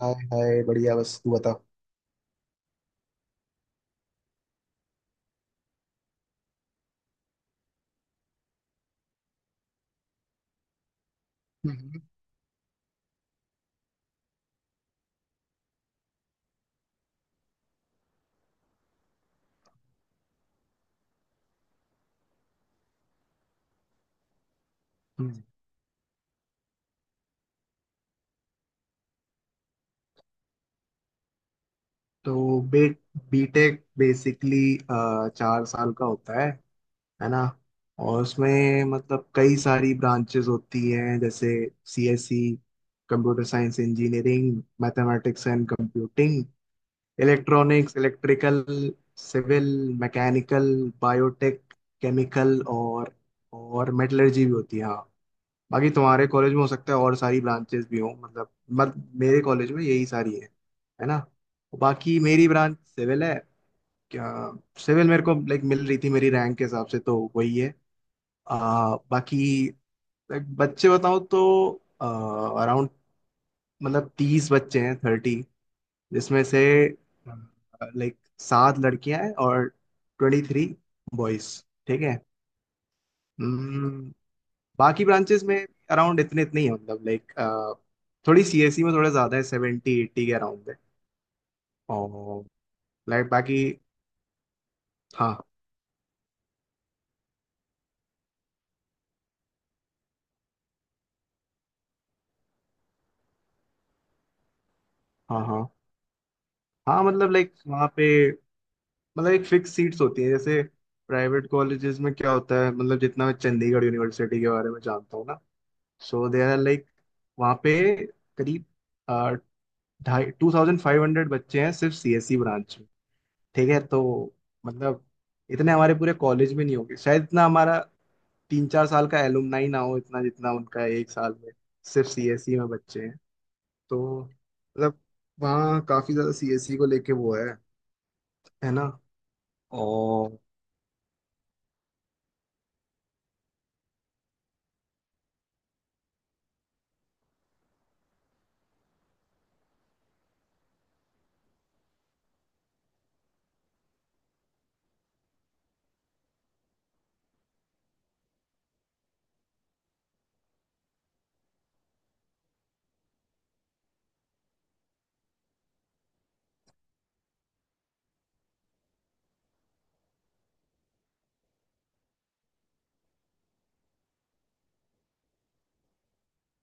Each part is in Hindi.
हाय हाय, बढ़िया। बस तू बता। हम्म। हम्म। तो बे बीटेक बेसिकली 4 साल का होता है ना। और उसमें मतलब कई सारी ब्रांचेस होती हैं जैसे CSC, computer science engineering, mathematics and computing, electronics, electrical, civil, mechanical, biotech, chemical और मेटलर्जी भी होती है, हाँ। बाकी तुम्हारे कॉलेज में हो सकता है और सारी ब्रांचेस भी हों मतलब मत मेरे कॉलेज में यही सारी है ना। बाकी मेरी ब्रांच सिविल है। क्या सिविल मेरे को लाइक मिल रही थी मेरी रैंक के हिसाब से, तो वही है। बाकी like, बच्चे बताऊं तो अराउंड मतलब 30 बच्चे हैं, 30। जिसमें से लाइक 7 लड़कियां हैं और 23 बॉयज। ठीक है। हम्म। बाकी ब्रांचेस में अराउंड इतने इतने ही हैं मतलब लाइक, थोड़ी सीएससी में थोड़ा ज्यादा है, 70 80 के अराउंड है। और लाइक बाकी। हाँ। हाँ। हाँ। हाँ, मतलब लाइक वहाँ पे मतलब एक फिक्स सीट्स होती हैं, जैसे प्राइवेट कॉलेजेस में क्या होता है मतलब, जितना मैं चंडीगढ़ यूनिवर्सिटी के बारे में जानता हूँ ना, सो दे आर लाइक वहाँ पे करीब अ, 2500 बच्चे हैं सिर्फ सीएससी ब्रांच में। ठीक है। तो मतलब इतने हमारे पूरे कॉलेज में नहीं होंगे, शायद इतना हमारा 3 4 साल का एलुमनाई ना हो, इतना जितना उनका एक साल में सिर्फ सीएससी में बच्चे हैं। तो मतलब वहाँ काफी ज्यादा सीएससी को लेके वो है ना। और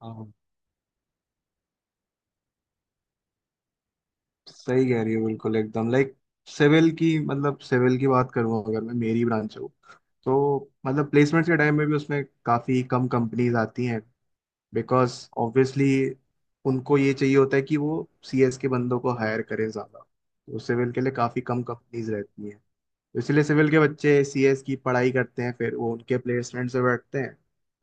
हाँ, सही कह रही हो, बिल्कुल एकदम। लाइक सिविल की मतलब सिविल की बात करूँ अगर मैं, मेरी ब्रांच हूँ, तो मतलब प्लेसमेंट्स के टाइम में भी उसमें काफी कम कंपनीज आती हैं, बिकॉज ऑब्वियसली उनको ये चाहिए होता है कि वो सीएस के बंदों को हायर करें ज्यादा, तो सिविल के लिए काफी कम कंपनीज रहती हैं। तो इसलिए सिविल के बच्चे सीएस की पढ़ाई करते हैं, फिर वो उनके प्लेसमेंट से बैठते हैं।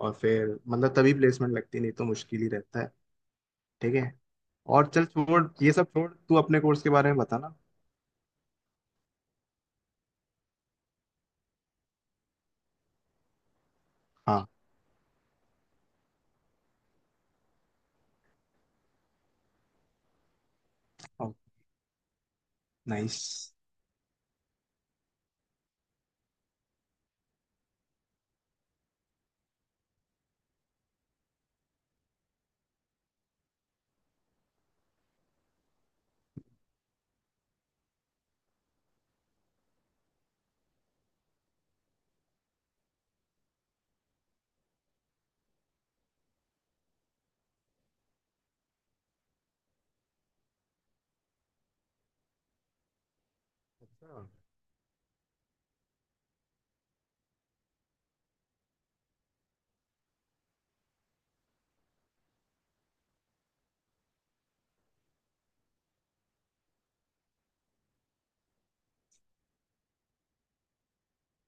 और फिर मतलब तभी प्लेसमेंट लगती, नहीं तो मुश्किल ही रहता है। ठीक है। और चल छोड़, ये सब छोड़, तू अपने कोर्स के बारे में बता ना। हाँ। नाइस।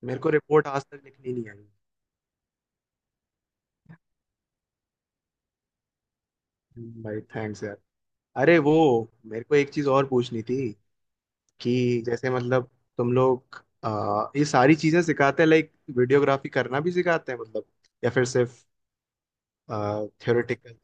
मेरे को रिपोर्ट आज तक लिखनी नहीं आई हम्म। भाई थैंक्स यार। अरे वो, मेरे को एक चीज और पूछनी थी कि, जैसे मतलब तुम लोग ये सारी चीजें सिखाते हैं लाइक वीडियोग्राफी करना भी सिखाते हैं मतलब, या फिर सिर्फ थ्योरेटिकल।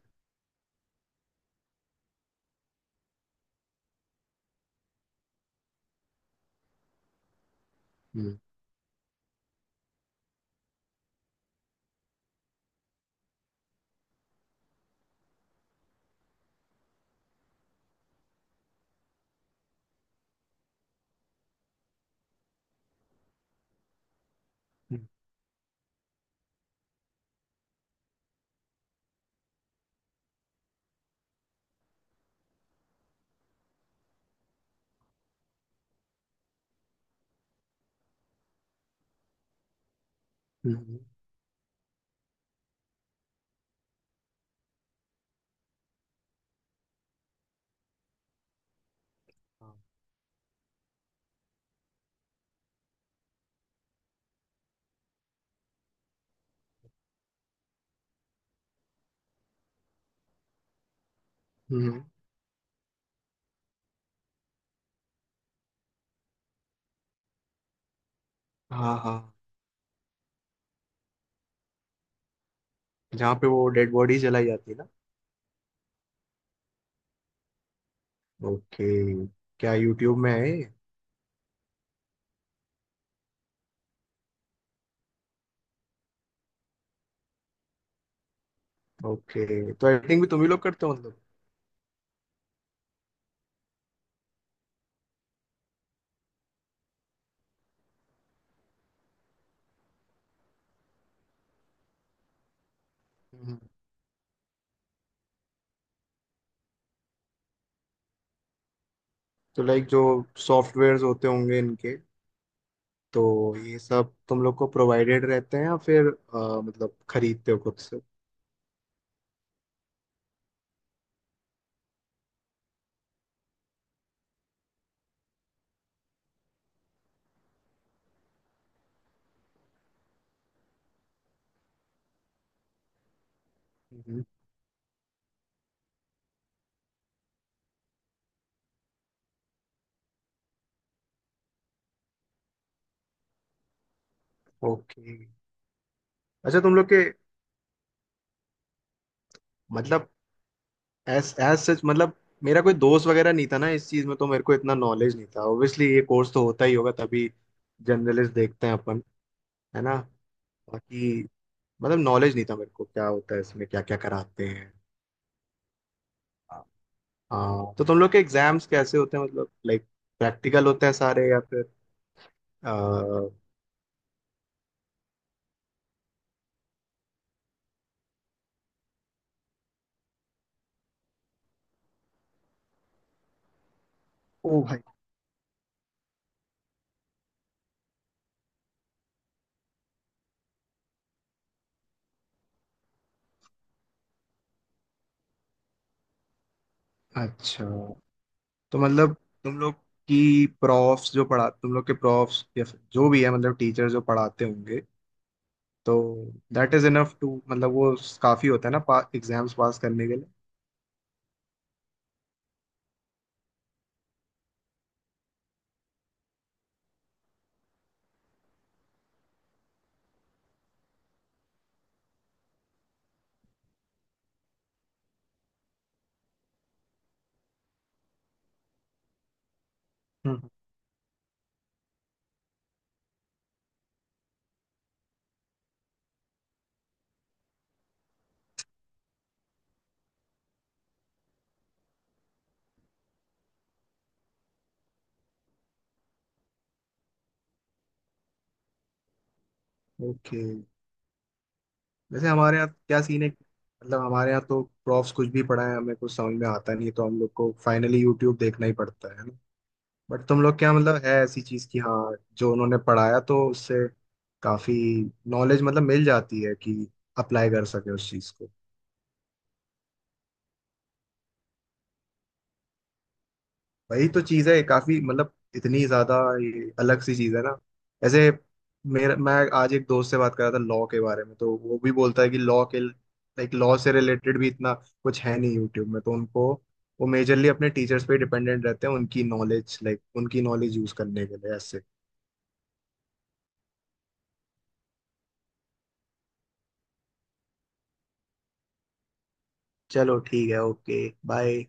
हम्म। हम्म। हाँ हाँ, जहाँ पे वो डेड बॉडी जलाई जाती है ना। ओके। क्या यूट्यूब में है ये? ओके, तो एडिटिंग भी तुम ही लोग करते हो मतलब। हम्म। तो लाइक जो सॉफ्टवेयर्स होते होंगे इनके, तो ये सब तुम लोग को प्रोवाइडेड रहते हैं या फिर मतलब खरीदते हो खुद से। हम्म। ओके। अच्छा तुम लोग के मतलब एस एज सच, मतलब मेरा कोई दोस्त वगैरह नहीं था ना इस चीज में, तो मेरे को इतना नॉलेज नहीं था। ऑब्वियसली ये कोर्स तो होता ही होगा तभी जर्नलिस्ट देखते हैं अपन, है ना। बाकी मतलब नॉलेज नहीं था मेरे को क्या होता है इसमें, क्या क्या कराते हैं। हाँ तो तुम लोग के एग्जाम्स कैसे होते हैं मतलब लाइक, प्रैक्टिकल होते हैं सारे या फिर आ, ओ भाई। अच्छा तो मतलब तुम लोग की प्रॉफ्स जो पढ़ा, तुम लोग के प्रॉफ्स या फिर जो भी है मतलब टीचर जो पढ़ाते होंगे, तो दैट इज इनफ टू, मतलब वो काफी होता है ना एग्जाम्स पास करने के लिए। हम्म। ओके। वैसे हमारे यहाँ क्या सीन है, मतलब हमारे यहाँ तो प्रॉफ्स कुछ भी पढ़ाए, हमें कुछ समझ में आता नहीं है, तो हम लोग को फाइनली यूट्यूब देखना ही पड़ता है ना। बट तुम लोग क्या, मतलब है ऐसी चीज की, हाँ, जो उन्होंने पढ़ाया तो उससे काफी नॉलेज मतलब मिल जाती है कि अप्लाई कर सके उस चीज को। वही तो चीज है, काफी मतलब इतनी ज्यादा ये अलग सी चीज है ना ऐसे। मेरा मैं आज एक दोस्त से बात कर रहा था लॉ के बारे में, तो वो भी बोलता है कि लॉ के लाइक, लॉ से रिलेटेड भी इतना कुछ है नहीं यूट्यूब में, तो उनको वो मेजरली अपने टीचर्स पे डिपेंडेंट रहते हैं, उनकी नॉलेज लाइक उनकी नॉलेज यूज करने के लिए ऐसे। चलो ठीक है, ओके। बाय।